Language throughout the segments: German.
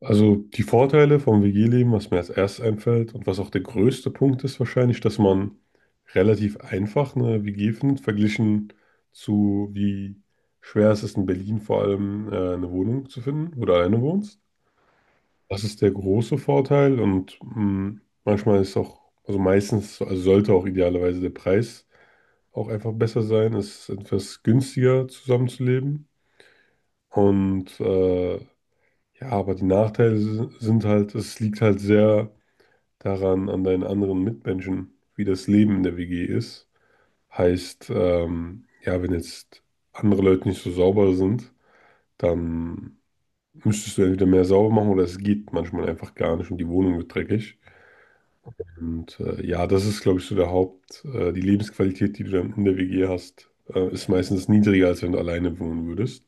Also die Vorteile vom WG-Leben, was mir als erstes einfällt und was auch der größte Punkt ist wahrscheinlich, dass man relativ einfach eine WG findet, verglichen zu wie schwer es ist in Berlin vor allem, eine Wohnung zu finden, wo du alleine wohnst. Das ist der große Vorteil und manchmal ist auch, also meistens, also sollte auch idealerweise der Preis auch einfach besser sein. Es ist etwas günstiger zusammenzuleben und äh, ja, aber die Nachteile sind halt, es liegt halt sehr daran an deinen anderen Mitmenschen, wie das Leben in der WG ist. Heißt, ja, wenn jetzt andere Leute nicht so sauber sind, dann müsstest du entweder mehr sauber machen oder es geht manchmal einfach gar nicht und die Wohnung wird dreckig. Ja, das ist, glaube ich, so der die Lebensqualität, die du dann in der WG hast, ist meistens niedriger, als wenn du alleine wohnen würdest.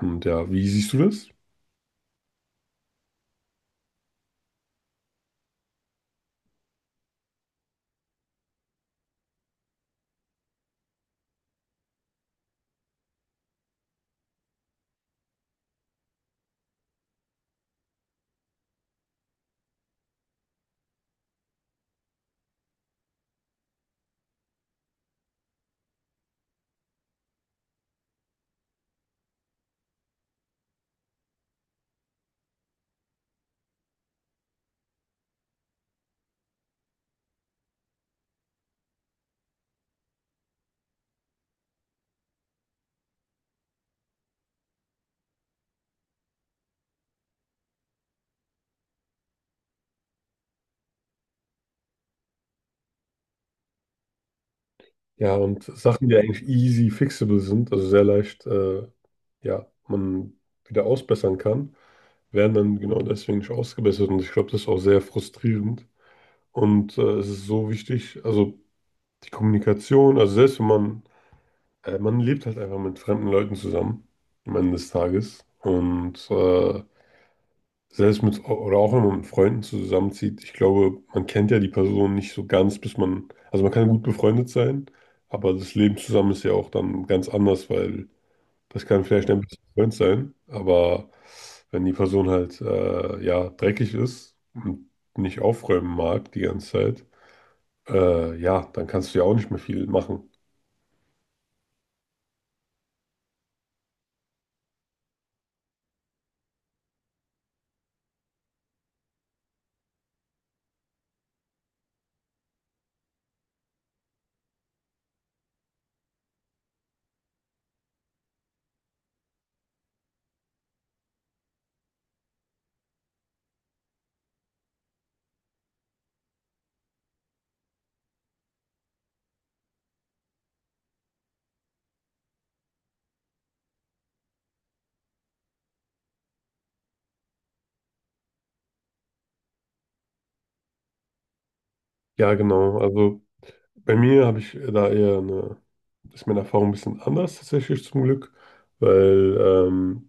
Und ja, wie siehst du das? Ja, und Sachen, die eigentlich easy fixable sind, also sehr ja, man wieder ausbessern kann, werden dann genau deswegen nicht ausgebessert. Und ich glaube, das ist auch sehr frustrierend. Es ist so wichtig, also die Kommunikation, also selbst wenn man lebt halt einfach mit fremden Leuten zusammen am Ende des Tages. Selbst mit, oder auch wenn man mit Freunden zusammenzieht, ich glaube, man kennt ja die Person nicht so ganz, bis man, also man kann gut befreundet sein, aber das Leben zusammen ist ja auch dann ganz anders, weil das kann vielleicht ein bisschen Freund sein, aber wenn die Person ja, dreckig ist und nicht aufräumen mag die ganze Zeit, ja, dann kannst du ja auch nicht mehr viel machen. Ja, genau, also bei mir habe ich da eher eine, ist meine Erfahrung ein bisschen anders tatsächlich zum Glück, weil, ähm,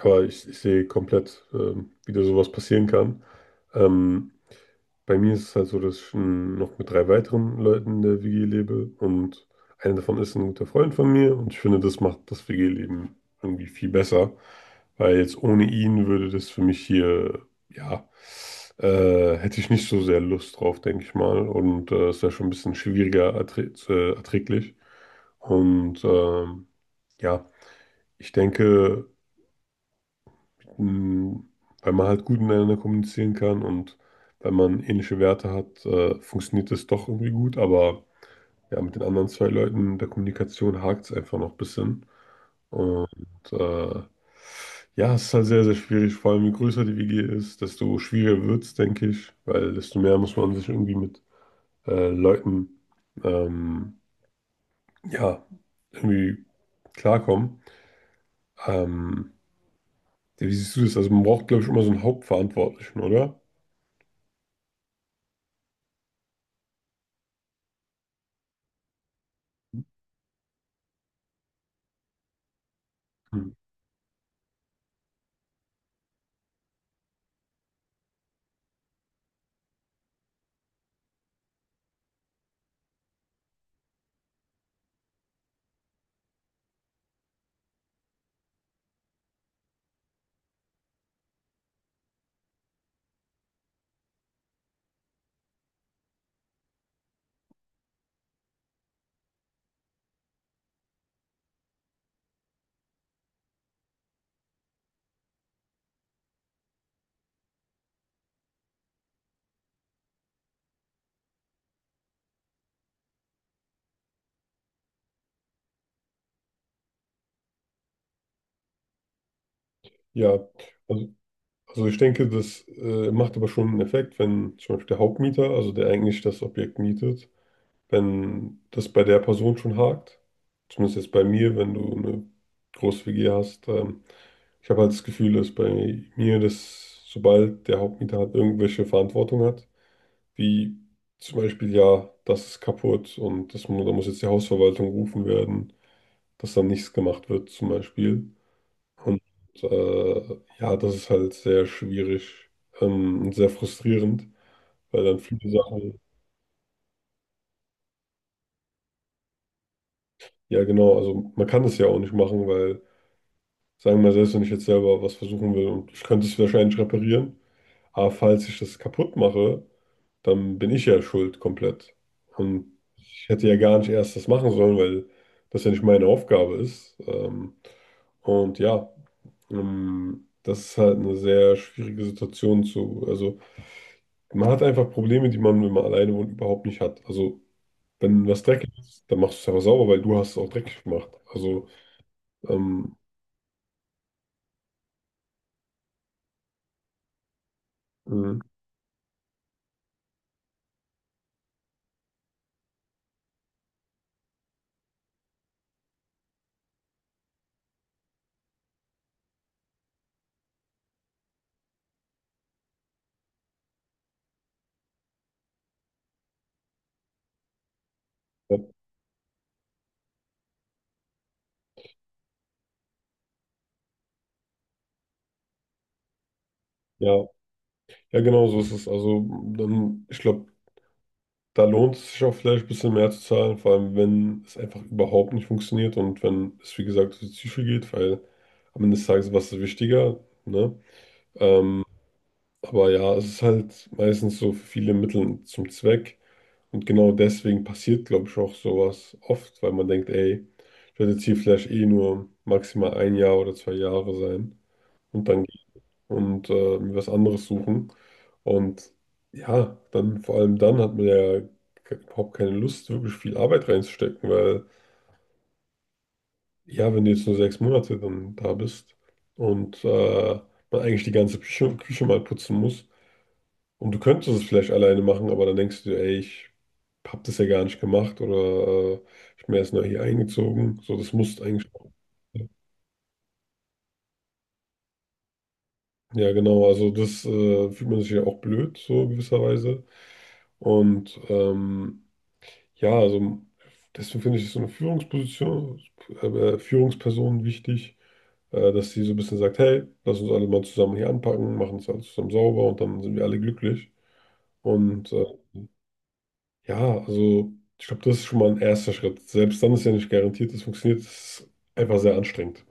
aber ich sehe komplett, wie da sowas passieren kann. Ähm, Bei mir ist es halt so, dass ich noch mit drei weiteren Leuten in der WG lebe und einer davon ist ein guter Freund von mir und ich finde, das macht das WG-Leben irgendwie viel besser, weil jetzt ohne ihn würde das für mich hier, hätte ich nicht so sehr Lust drauf, denke ich mal. Es wäre schon ein bisschen schwieriger erträglich und ähm, ja, ich denke, Mm, weil man halt gut miteinander kommunizieren kann und wenn man ähnliche Werte hat, funktioniert das doch irgendwie gut. Aber ja, mit den anderen zwei Leuten in der Kommunikation hakt es einfach noch ein bisschen. Und äh, ja, es ist halt sehr, sehr schwierig. Vor allem, je größer die WG ist, desto schwieriger wird es, denke ich, weil desto mehr muss man sich irgendwie mit Leuten, ähm, ja, irgendwie klarkommen. Ähm, ja, wie siehst du das? Also man braucht, glaube ich, immer so einen Hauptverantwortlichen, oder? Hm. Ja, also, also ich denke, das macht aber schon einen Effekt, wenn zum Beispiel der Hauptmieter, also der eigentlich das Objekt mietet, wenn das bei der Person schon hakt, zumindest jetzt bei mir, wenn du eine große WG hast, ich habe halt das Gefühl, dass bei mir, dass sobald der Hauptmieter halt irgendwelche Verantwortung hat, wie zum Beispiel, ja, das ist kaputt und da muss jetzt die Hausverwaltung gerufen werden, dass dann nichts gemacht wird zum Beispiel. Und äh, ja, das ist halt sehr schwierig und sehr frustrierend, weil dann viele Sachen, ja genau, also man kann es ja auch nicht machen, weil, sagen wir mal, selbst wenn ich jetzt selber was versuchen will und ich könnte es wahrscheinlich reparieren, aber falls ich das kaputt mache, dann bin ich ja schuld komplett. Und ich hätte ja gar nicht erst das machen sollen, weil das ja nicht meine Aufgabe ist. Und ja, das ist halt eine sehr schwierige Situation zu, also. Man hat einfach Probleme, die man, wenn man alleine wohnt, überhaupt nicht hat. Also, wenn was dreckig ist, dann machst du es aber sauber, weil du hast es auch dreckig gemacht. Ähm, Mhm. Ja, ja, genau so ist es. Also, dann, ich glaube, da lohnt es sich auch vielleicht ein bisschen mehr zu zahlen, vor allem, wenn es einfach überhaupt nicht funktioniert und wenn es, wie gesagt, um die Psyche geht, weil am Ende des Tages, was ist wichtiger, ne? Ähm, aber ja, es ist halt meistens so für viele Mittel zum Zweck. Und genau deswegen passiert, glaube ich, auch sowas oft, weil man denkt, ey, ich werde jetzt hier vielleicht eh nur maximal 1 Jahr oder 2 Jahre sein und dann gehen und mir was anderes suchen. Und ja, dann vor allem dann hat man ja überhaupt keine Lust, wirklich viel Arbeit reinzustecken, weil ja, wenn du jetzt nur 6 Monate dann da bist und man eigentlich die ganze Küche mal putzen muss. Und du könntest es vielleicht alleine machen, aber dann denkst du, dir, ey, ich hab das ja gar nicht gemacht oder ich bin erst neu hier eingezogen. So, das musst eigentlich. Ja, genau. Also das fühlt man sich ja auch blöd, so gewisserweise. Und ähm, ja, also deswegen finde ich so eine Führungsperson wichtig, dass sie so ein bisschen sagt, hey, lass uns alle mal zusammen hier anpacken, machen es alles zusammen sauber und dann sind wir alle glücklich. Und äh, Ja, also ich glaube, das ist schon mal ein erster Schritt. Selbst dann ist ja nicht garantiert, es funktioniert. Es ist einfach sehr anstrengend.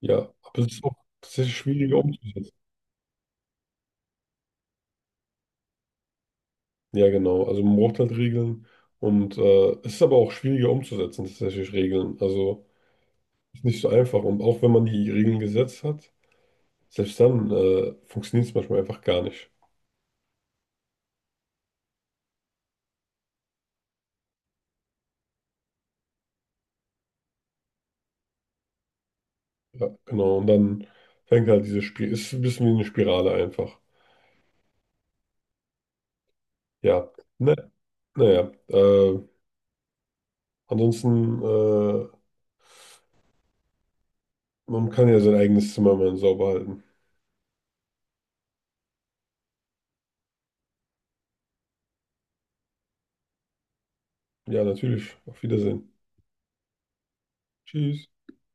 Ja, aber es ist auch tatsächlich schwieriger umzusetzen. Ja, genau. Also man braucht halt Regeln und es ist aber auch schwieriger umzusetzen, tatsächlich Regeln. Also ist nicht so einfach. Und auch wenn man die Regeln gesetzt hat, selbst dann funktioniert es manchmal einfach gar nicht. Ja, genau. Und dann fängt halt diese Spiel, ist ein bisschen wie eine Spirale einfach. Ja. Ne, naja. Ansonsten. Man kann ja sein eigenes Zimmer mal sauber halten. Ja, natürlich. Auf Wiedersehen. Tschüss.